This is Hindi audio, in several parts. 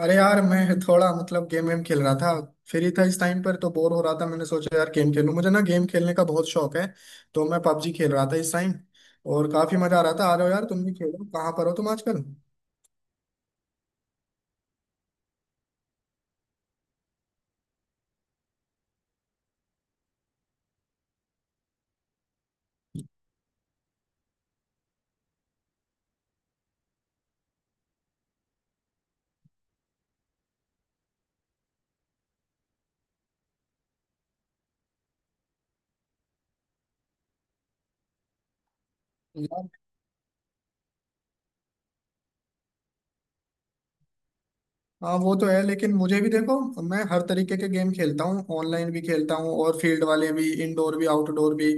अरे यार, मैं थोड़ा गेम वेम खेल रहा था। फ्री था इस टाइम पर तो बोर हो रहा था। मैंने सोचा यार गेम खेलूं, मुझे ना गेम खेलने का बहुत शौक है। तो मैं पबजी खेल रहा था इस टाइम, और काफी मजा आ रहा था। आ रहे हो यार, तुम भी खेलो। कहाँ पर हो तुम आजकल? हाँ, वो तो है, लेकिन मुझे भी देखो, मैं हर तरीके के गेम खेलता हूँ। ऑनलाइन भी खेलता हूँ और फील्ड वाले भी, इंडोर भी आउटडोर भी।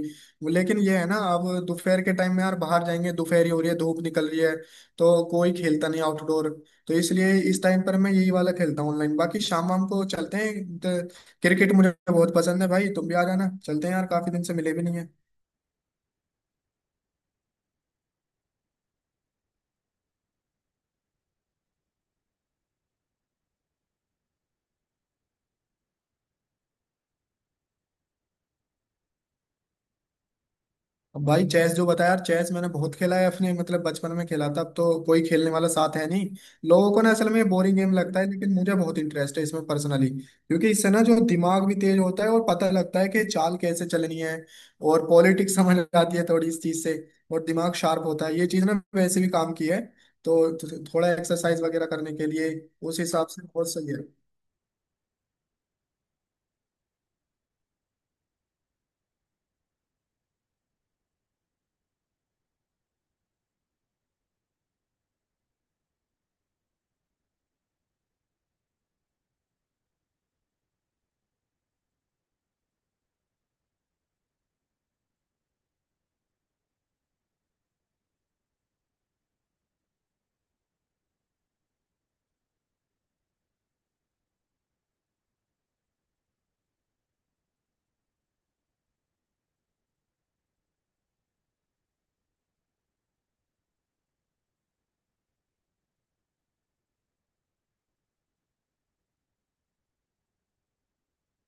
लेकिन ये है ना, अब दोपहर के टाइम में यार बाहर जाएंगे, दोपहर ही हो रही है, धूप निकल रही है, तो कोई खेलता नहीं आउटडोर। तो इसलिए इस टाइम पर मैं यही वाला खेलता हूँ ऑनलाइन, बाकी शाम वाम को चलते हैं तो। क्रिकेट मुझे बहुत पसंद है भाई, तुम भी आ जाना, चलते हैं यार, काफी दिन से मिले भी नहीं है। अब भाई चेस जो बताया यार, चेस मैंने बहुत खेला है अपने बचपन में खेला था, अब तो कोई खेलने वाला साथ है नहीं। लोगों को ना असल में बोरिंग गेम लगता है, लेकिन मुझे बहुत इंटरेस्ट है इसमें पर्सनली, क्योंकि इससे ना जो दिमाग भी तेज होता है और पता लगता है कि चाल कैसे चलनी है। और पॉलिटिक्स समझ आती है थोड़ी इस चीज से। और दिमाग शार्प होता है, ये चीज ना वैसे भी काम की है तो, थोड़ा एक्सरसाइज वगैरह करने के लिए उस हिसाब से बहुत सही है।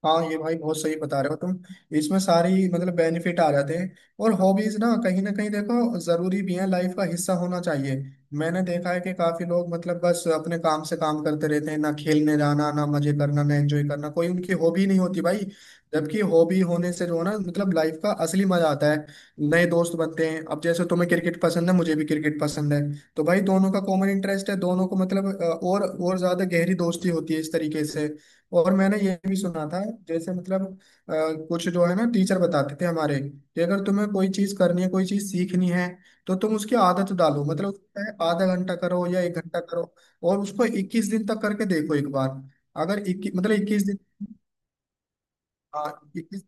हाँ ये भाई बहुत सही बता रहे हो तुम, इसमें सारी बेनिफिट आ जाते हैं। और हॉबीज ना कहीं देखो जरूरी भी है, लाइफ का हिस्सा होना चाहिए। मैंने देखा है कि काफी लोग बस अपने काम से काम करते रहते हैं, ना खेलने जाना ना मजे करना ना एंजॉय करना, कोई उनकी हॉबी नहीं होती भाई। जबकि हॉबी होने से जो है ना लाइफ का असली मजा आता है। नए दोस्त बनते हैं, अब जैसे तुम्हें क्रिकेट पसंद है, मुझे भी क्रिकेट पसंद है, तो भाई दोनों का कॉमन इंटरेस्ट है, दोनों को और ज्यादा गहरी दोस्ती होती है इस तरीके से। और मैंने ये भी सुना था, जैसे अ, कुछ जो है ना, टीचर बताते थे हमारे, कि अगर तुम्हें कोई चीज करनी है, कोई चीज सीखनी है, तो तुम उसकी आदत डालो, उसमें आधा घंटा करो या एक घंटा करो, और उसको 21 दिन तक करके देखो एक बार। अगर इक्कीस इक्कीस दिन, हाँ, 21,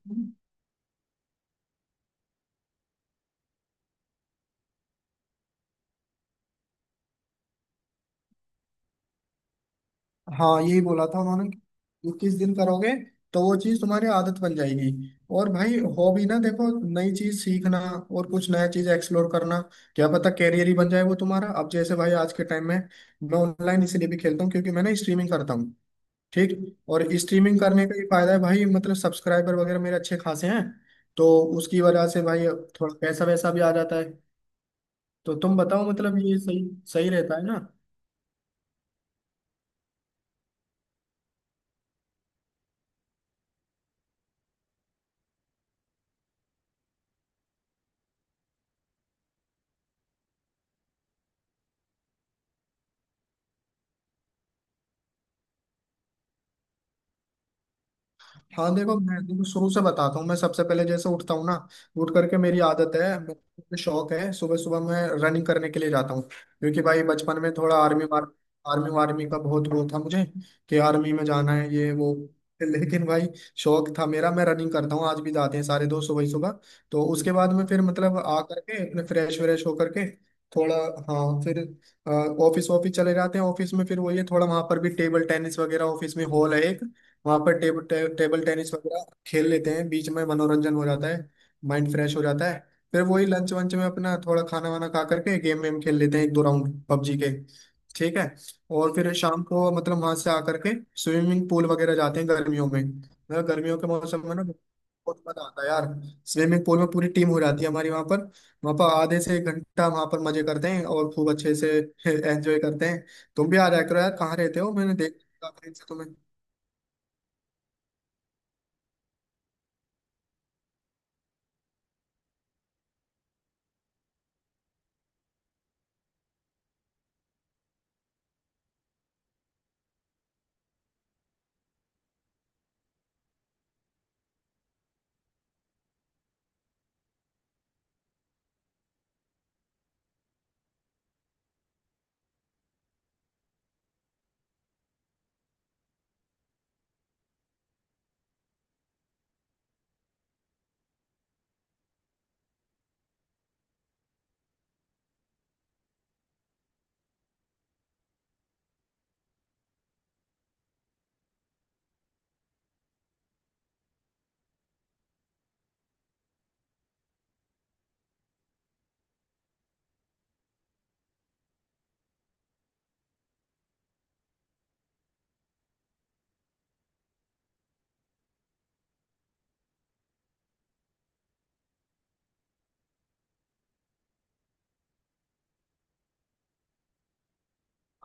हाँ यही बोला था उन्होंने, कि किस दिन करोगे तो वो चीज तुम्हारी आदत बन जाएगी। और भाई हॉबी ना देखो, नई चीज सीखना और कुछ नया चीज एक्सप्लोर करना, क्या पता कैरियर ही बन जाए वो तुम्हारा। अब जैसे भाई, आज के टाइम में मैं ऑनलाइन इसलिए भी खेलता हूँ क्योंकि मैं ना स्ट्रीमिंग करता हूँ, ठीक। और स्ट्रीमिंग करने का ये फायदा है भाई, सब्सक्राइबर वगैरह मेरे अच्छे खासे हैं, तो उसकी वजह से भाई थोड़ा पैसा वैसा भी आ जाता है। तो तुम बताओ, ये सही सही रहता है ना। हाँ देखो, मैं देखो शुरू से बताता हूँ। मैं सबसे पहले जैसे उठता हूँ ना, उठ करके मेरी आदत है, मेरा शौक है, सुबह सुबह मैं रनिंग करने के लिए जाता हूँ, क्योंकि भाई बचपन में थोड़ा आर्मी वार, आर्मी वार्मी का बहुत वो था मुझे, कि आर्मी में जाना है ये वो लेकिन भाई, शौक था मेरा, मैं रनिंग करता हूँ, आज भी जाते हैं सारे दोस्त सुबह ही सुबह। तो उसके बाद में फिर आ करके अपने फ्रेश व्रेश होकर के थोड़ा, हाँ फिर ऑफिस ऑफिस चले जाते हैं। ऑफिस में फिर वही है, थोड़ा वहां पर भी टेबल टेनिस वगैरह, ऑफिस में हॉल है एक, वहां पर टेबल टेनिस वगैरह खेल लेते हैं, बीच में मनोरंजन हो जाता है, माइंड फ्रेश हो जाता है। फिर वही लंच वंच में अपना थोड़ा खाना वाना खा करके गेम वेम खेल लेते हैं, एक दो राउंड पबजी के, ठीक है। और फिर शाम को वहां से आकर के स्विमिंग पूल वगैरह जाते हैं गर्मियों में, गर्मियों के मौसम में ना बहुत मजा आता है यार। स्विमिंग पूल में पूरी टीम हो जाती है हमारी वहां पर, वहां पर आधे से एक घंटा वहां पर मजे करते हैं और खूब अच्छे से एंजॉय करते हैं। तुम भी आ जाया करो यार, कहाँ रहते हो, मैंने देखा था कहीं से तुम्हें।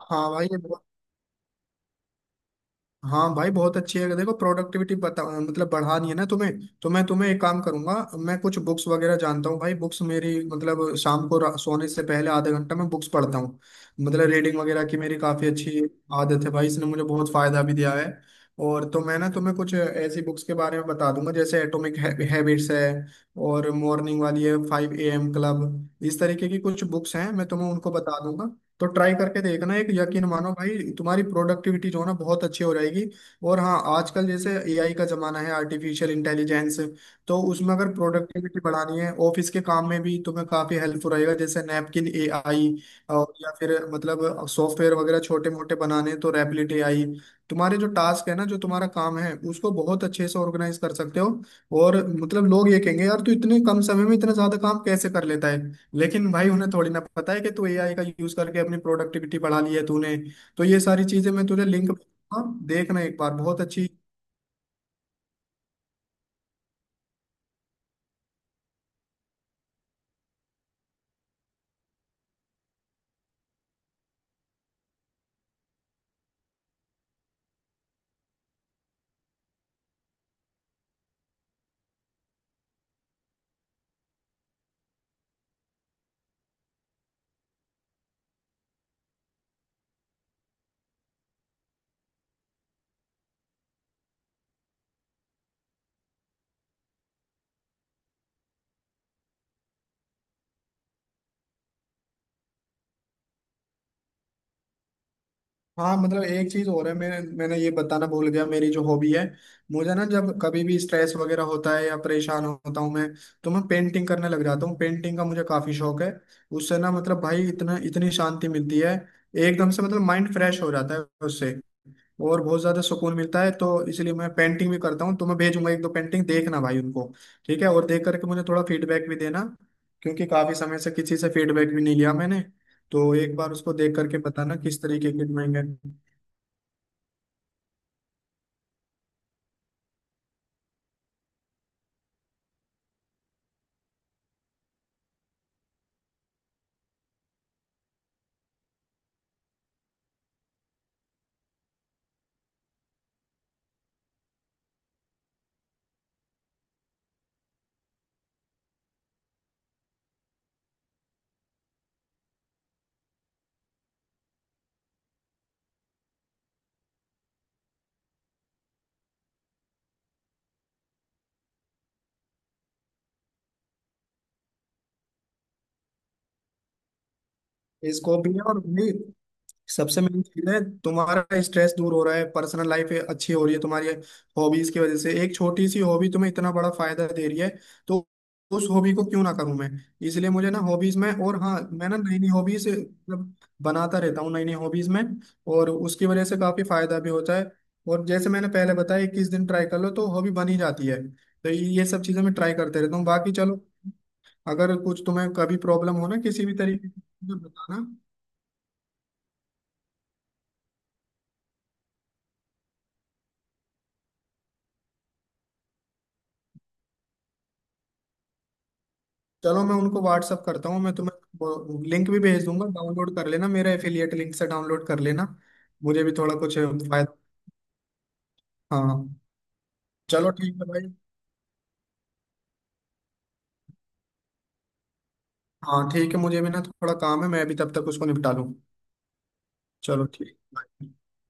हाँ भाई ये बहुत, हाँ भाई बहुत अच्छी है। देखो प्रोडक्टिविटी बता, बढ़ानी है ना तुम्हें, तो मैं तुम्हें एक काम करूंगा, मैं कुछ बुक्स वगैरह जानता हूँ भाई। बुक्स मेरी, शाम को सोने से पहले आधा घंटा मैं बुक्स पढ़ता हूँ। रीडिंग वगैरह की मेरी काफ़ी अच्छी आदत है भाई, इसने मुझे बहुत फ़ायदा भी दिया है। और तो मैं ना तुम्हें कुछ ऐसी बुक्स के बारे में बता दूंगा, जैसे एटॉमिक हैबिट्स है, और मॉर्निंग वाली है 5 AM क्लब। इस तरीके की कुछ बुक्स हैं, मैं तुम्हें उनको बता दूंगा। तो ट्राई करके देखना एक, यकीन मानो भाई तुम्हारी प्रोडक्टिविटी जो है ना बहुत अच्छी हो जाएगी। और हाँ, आजकल जैसे एआई का जमाना है, आर्टिफिशियल इंटेलिजेंस, तो उसमें अगर प्रोडक्टिविटी बढ़ानी है ऑफिस के काम में भी, तुम्हें काफी हेल्पफुल रहेगा, जैसे नैपकिन एआई। और या फिर सॉफ्टवेयर वगैरह छोटे मोटे बनाने हैं, तो रैपलिट एआई। तुम्हारे जो टास्क है ना, जो तुम्हारा काम है, उसको बहुत अच्छे से ऑर्गेनाइज कर सकते हो। और लोग ये कहेंगे यार, तू इतने कम समय में इतना ज्यादा काम कैसे कर लेता है, लेकिन भाई उन्हें थोड़ी ना पता है कि तू एआई का यूज करके अपनी प्रोडक्टिविटी बढ़ा ली है तूने। तो ये सारी चीजें मैं तुझे लिंक भेजूंगा, देखना एक बार, बहुत अच्छी। हाँ एक चीज और है, मैंने मैंने ये बताना भूल गया, मेरी जो हॉबी है, मुझे ना जब कभी भी स्ट्रेस वगैरह होता है या परेशान होता हूँ मैं, तो मैं पेंटिंग करने लग जाता हूँ। पेंटिंग का मुझे काफी शौक है, उससे ना भाई इतना इतनी शांति मिलती है। एकदम से माइंड फ्रेश हो जाता है उससे, और बहुत ज्यादा सुकून मिलता है, तो इसलिए मैं पेंटिंग भी करता हूँ। तो मैं भेजूंगा एक दो पेंटिंग, देखना भाई उनको, ठीक है, और देख करके मुझे थोड़ा फीडबैक भी देना, क्योंकि काफी समय से किसी से फीडबैक भी नहीं लिया मैंने। तो एक बार उसको देख करके बताना किस तरीके की ड्राइंग है। इसको भी और नहीं, सबसे मेन चीज है तुम्हारा स्ट्रेस दूर हो रहा है, पर्सनल लाइफ अच्छी हो रही है तुम्हारी, हॉबीज की वजह से। एक छोटी सी हॉबी तुम्हें इतना बड़ा फायदा दे रही है, तो उस हॉबी को क्यों ना करूं मैं। इसलिए मुझे ना हॉबीज में, और हाँ मैं ना नई नई हॉबीज बनाता रहता हूँ, नई नई हॉबीज में, और उसकी वजह से काफी फायदा भी होता है। और जैसे मैंने पहले बताया, 21 दिन ट्राई कर लो तो हॉबी बन ही जाती है, तो ये सब चीजें मैं ट्राई करते रहता हूँ, बाकी चलो। अगर कुछ तुम्हें कभी प्रॉब्लम हो ना किसी भी तरीके की तो बताना। चलो मैं उनको व्हाट्सअप करता हूँ, मैं तुम्हें लिंक भी भेज दूंगा, डाउनलोड कर लेना, मेरा एफिलिएट लिंक से डाउनलोड कर लेना, मुझे भी थोड़ा कुछ फायदा। हाँ, चलो ठीक है भाई। हाँ ठीक है, मुझे भी ना थोड़ा काम है, मैं भी तब तक उसको निपटा लूँ। चलो ठीक।